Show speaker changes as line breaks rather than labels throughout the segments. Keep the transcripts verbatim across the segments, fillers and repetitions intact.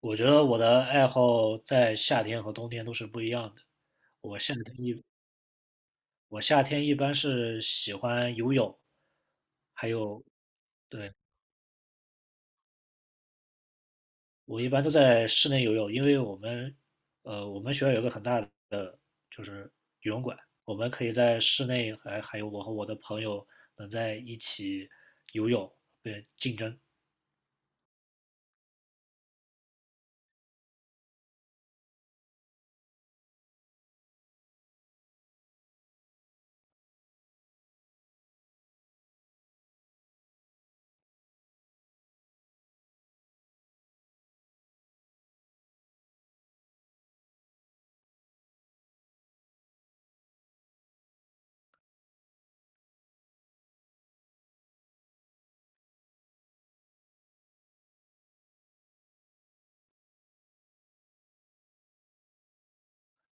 我觉得我的爱好在夏天和冬天都是不一样的。我夏天一我夏天一般是喜欢游泳，还有，对，我一般都在室内游泳，因为我们，呃，我们学校有个很大的就是游泳馆，我们可以在室内还还有我和我的朋友能在一起游泳，对，竞争。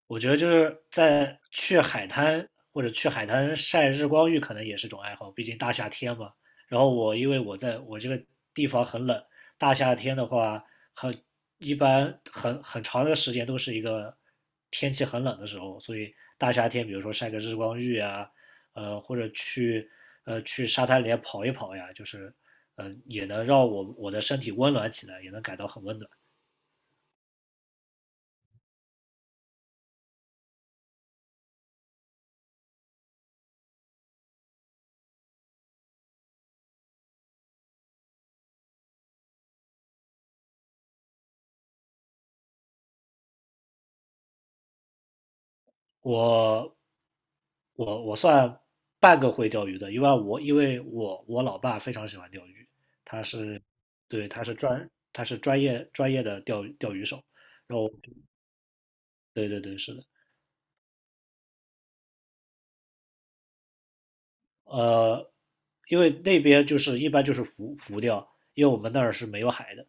我觉得就是在去海滩或者去海滩晒日光浴，可能也是种爱好，毕竟大夏天嘛。然后我因为我在我这个地方很冷，大夏天的话很一般很很长的时间都是一个天气很冷的时候，所以大夏天比如说晒个日光浴啊，呃或者去呃去沙滩里跑一跑呀，就是呃也能让我我的身体温暖起来，也能感到很温暖。我我我算半个会钓鱼的，因为我因为我我老爸非常喜欢钓鱼，对，他是专他是专业专业的钓鱼钓鱼手，然后对对对是的，呃，因为那边就是一般就是浮浮钓，因为我们那儿是没有海的。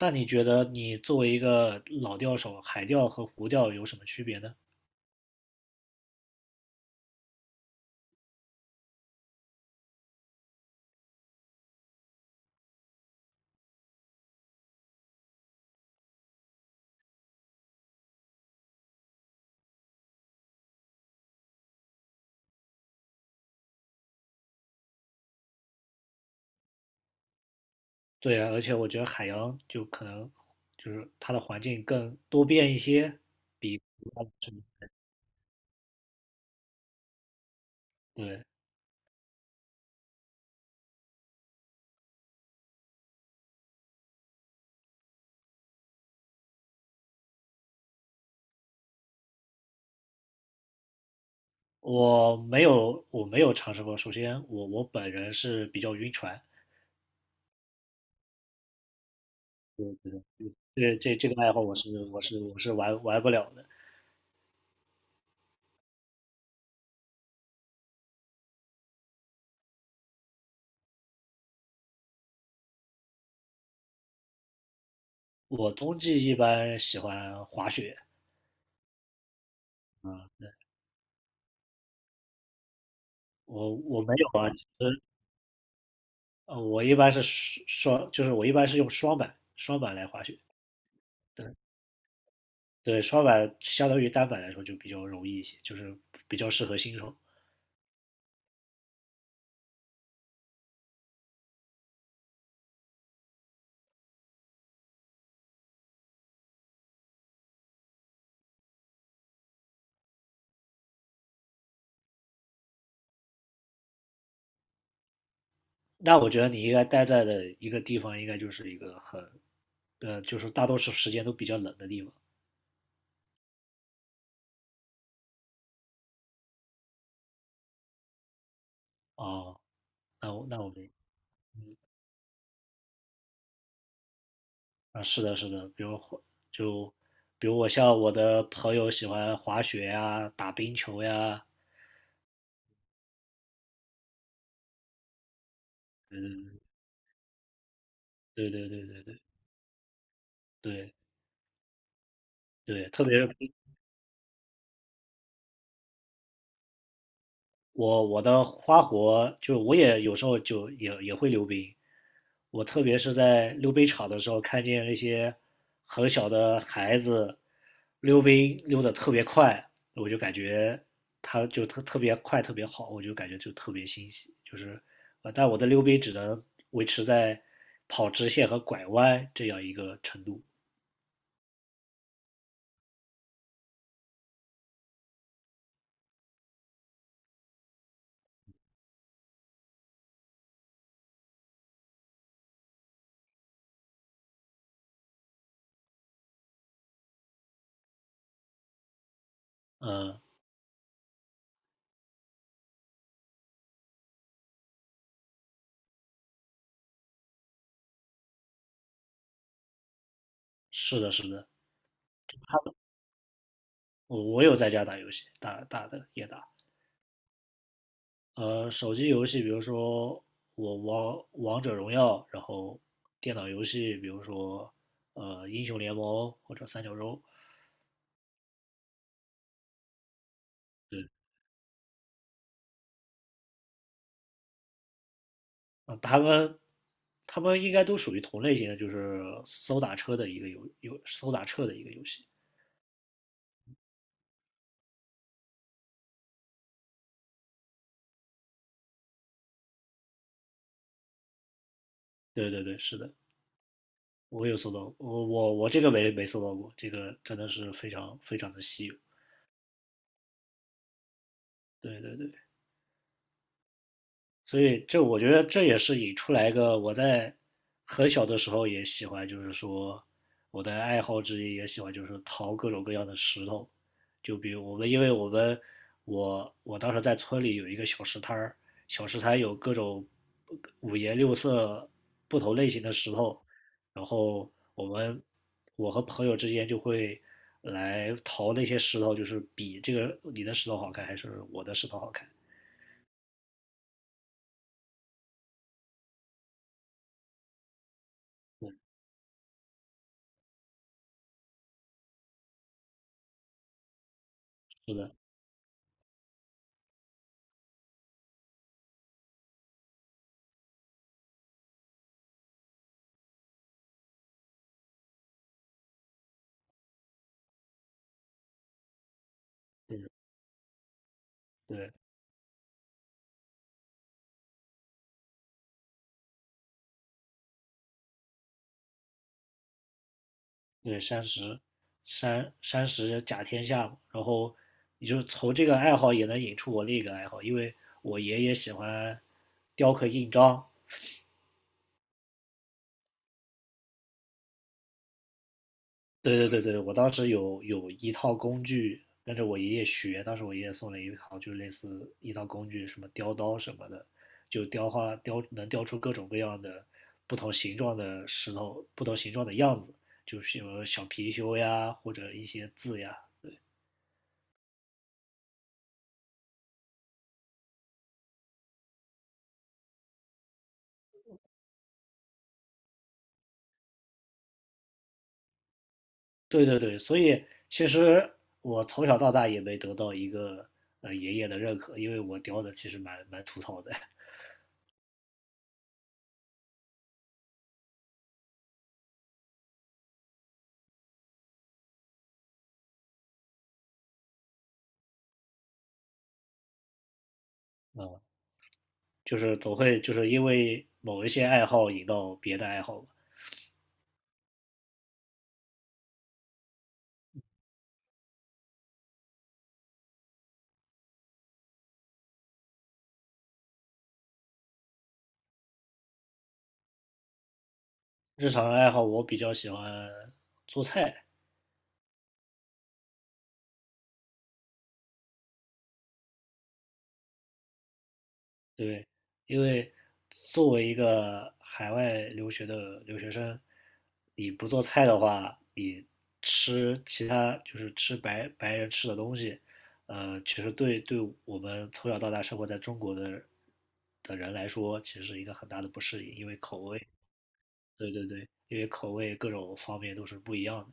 那你觉得你作为一个老钓手，海钓和湖钓有什么区别呢？对啊，而且我觉得海洋就可能就是它的环境更多变一些，比对，我没有，我没有尝试过。首先，我我本人是比较晕船，这这这个爱好我是我是我是玩玩不了的。我冬季一般喜欢滑雪，啊、我我没有啊，其实呃我一般是双，双就是我一般是用双板双板来滑雪，对对，双板相当于单板来说就比较容易一些，就是比较适合新手。那我觉得你应该待在的一个地方，应该就是一个很，呃，就是大多数时间都比较冷的地方。啊、哦，那我那我明，嗯啊，是的，是的，比如滑就比如我像我的朋友喜欢滑雪呀、打冰球呀，嗯，对对对对对对对，特别我我的花活就我也有时候就也也会溜冰，我特别是在溜冰场的时候，看见那些很小的孩子溜冰溜得特别快，我就感觉他就特特别快，特别好，我就感觉就特别欣喜。就是，呃，但我的溜冰只能维持在跑直线和拐弯这样一个程度。嗯，是的，是的，他我我有在家打游戏，打打的也打。呃，手机游戏，比如说我王王者荣耀，然后电脑游戏，比如说呃英雄联盟或者三角洲，对，啊、他们他们应该都属于同类型的，就是搜打车的一个游游搜打车的一个游戏。对对对，是的，我有搜到，我我我这个没没搜到过，这个真的是非常非常的稀有。对对对，所以这我觉得这也是引出来一个我在很小的时候也喜欢，就是说我的爱好之一也喜欢，就是淘各种各样的石头。就比如我们，因为我们我我当时在村里有一个小石摊儿，小石摊有各种五颜六色、不同类型的石头，然后我们我和朋友之间就会来淘那些石头，就是比这个你的石头好看还是我的石头好看。对，是的，对的，对。对，山石，山山石甲天下，然后你就从这个爱好也能引出我另一个爱好，因为我爷爷喜欢雕刻印章。对对对对，我当时有有一套工具跟着我爷爷学，当时我爷爷送了一套，就是类似一套工具，什么雕刀什么的，就雕花雕能雕出各种各样的不同形状的石头，不同形状的样子，就是有小貔貅呀，或者一些字呀，对对对，所以其实我从小到大也没得到一个呃爷爷的认可，因为我雕的其实蛮蛮粗糙的，就是总会就是因为某一些爱好引到别的爱好吧，日常的爱好我比较喜欢做菜，对，因为作为一个海外留学的留学生，你不做菜的话，你吃其他就是吃白白人吃的东西，呃，其实对对我们从小到大生活在中国的的人来说，其实是一个很大的不适应，因为口味，对对对，因为口味各种方面都是不一样的。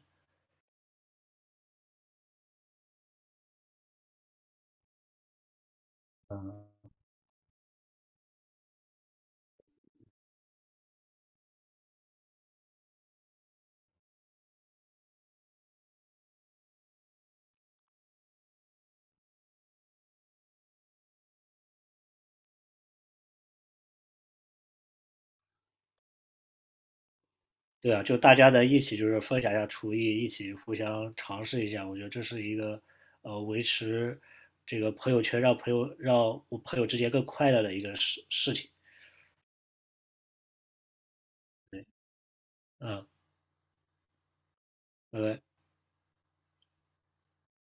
对啊，就大家在一起就是分享一下厨艺，一起互相尝试一下，我觉得这是一个呃维持这个朋友圈，让朋友让我朋友之间更快乐的一个事事情。嗯，拜拜。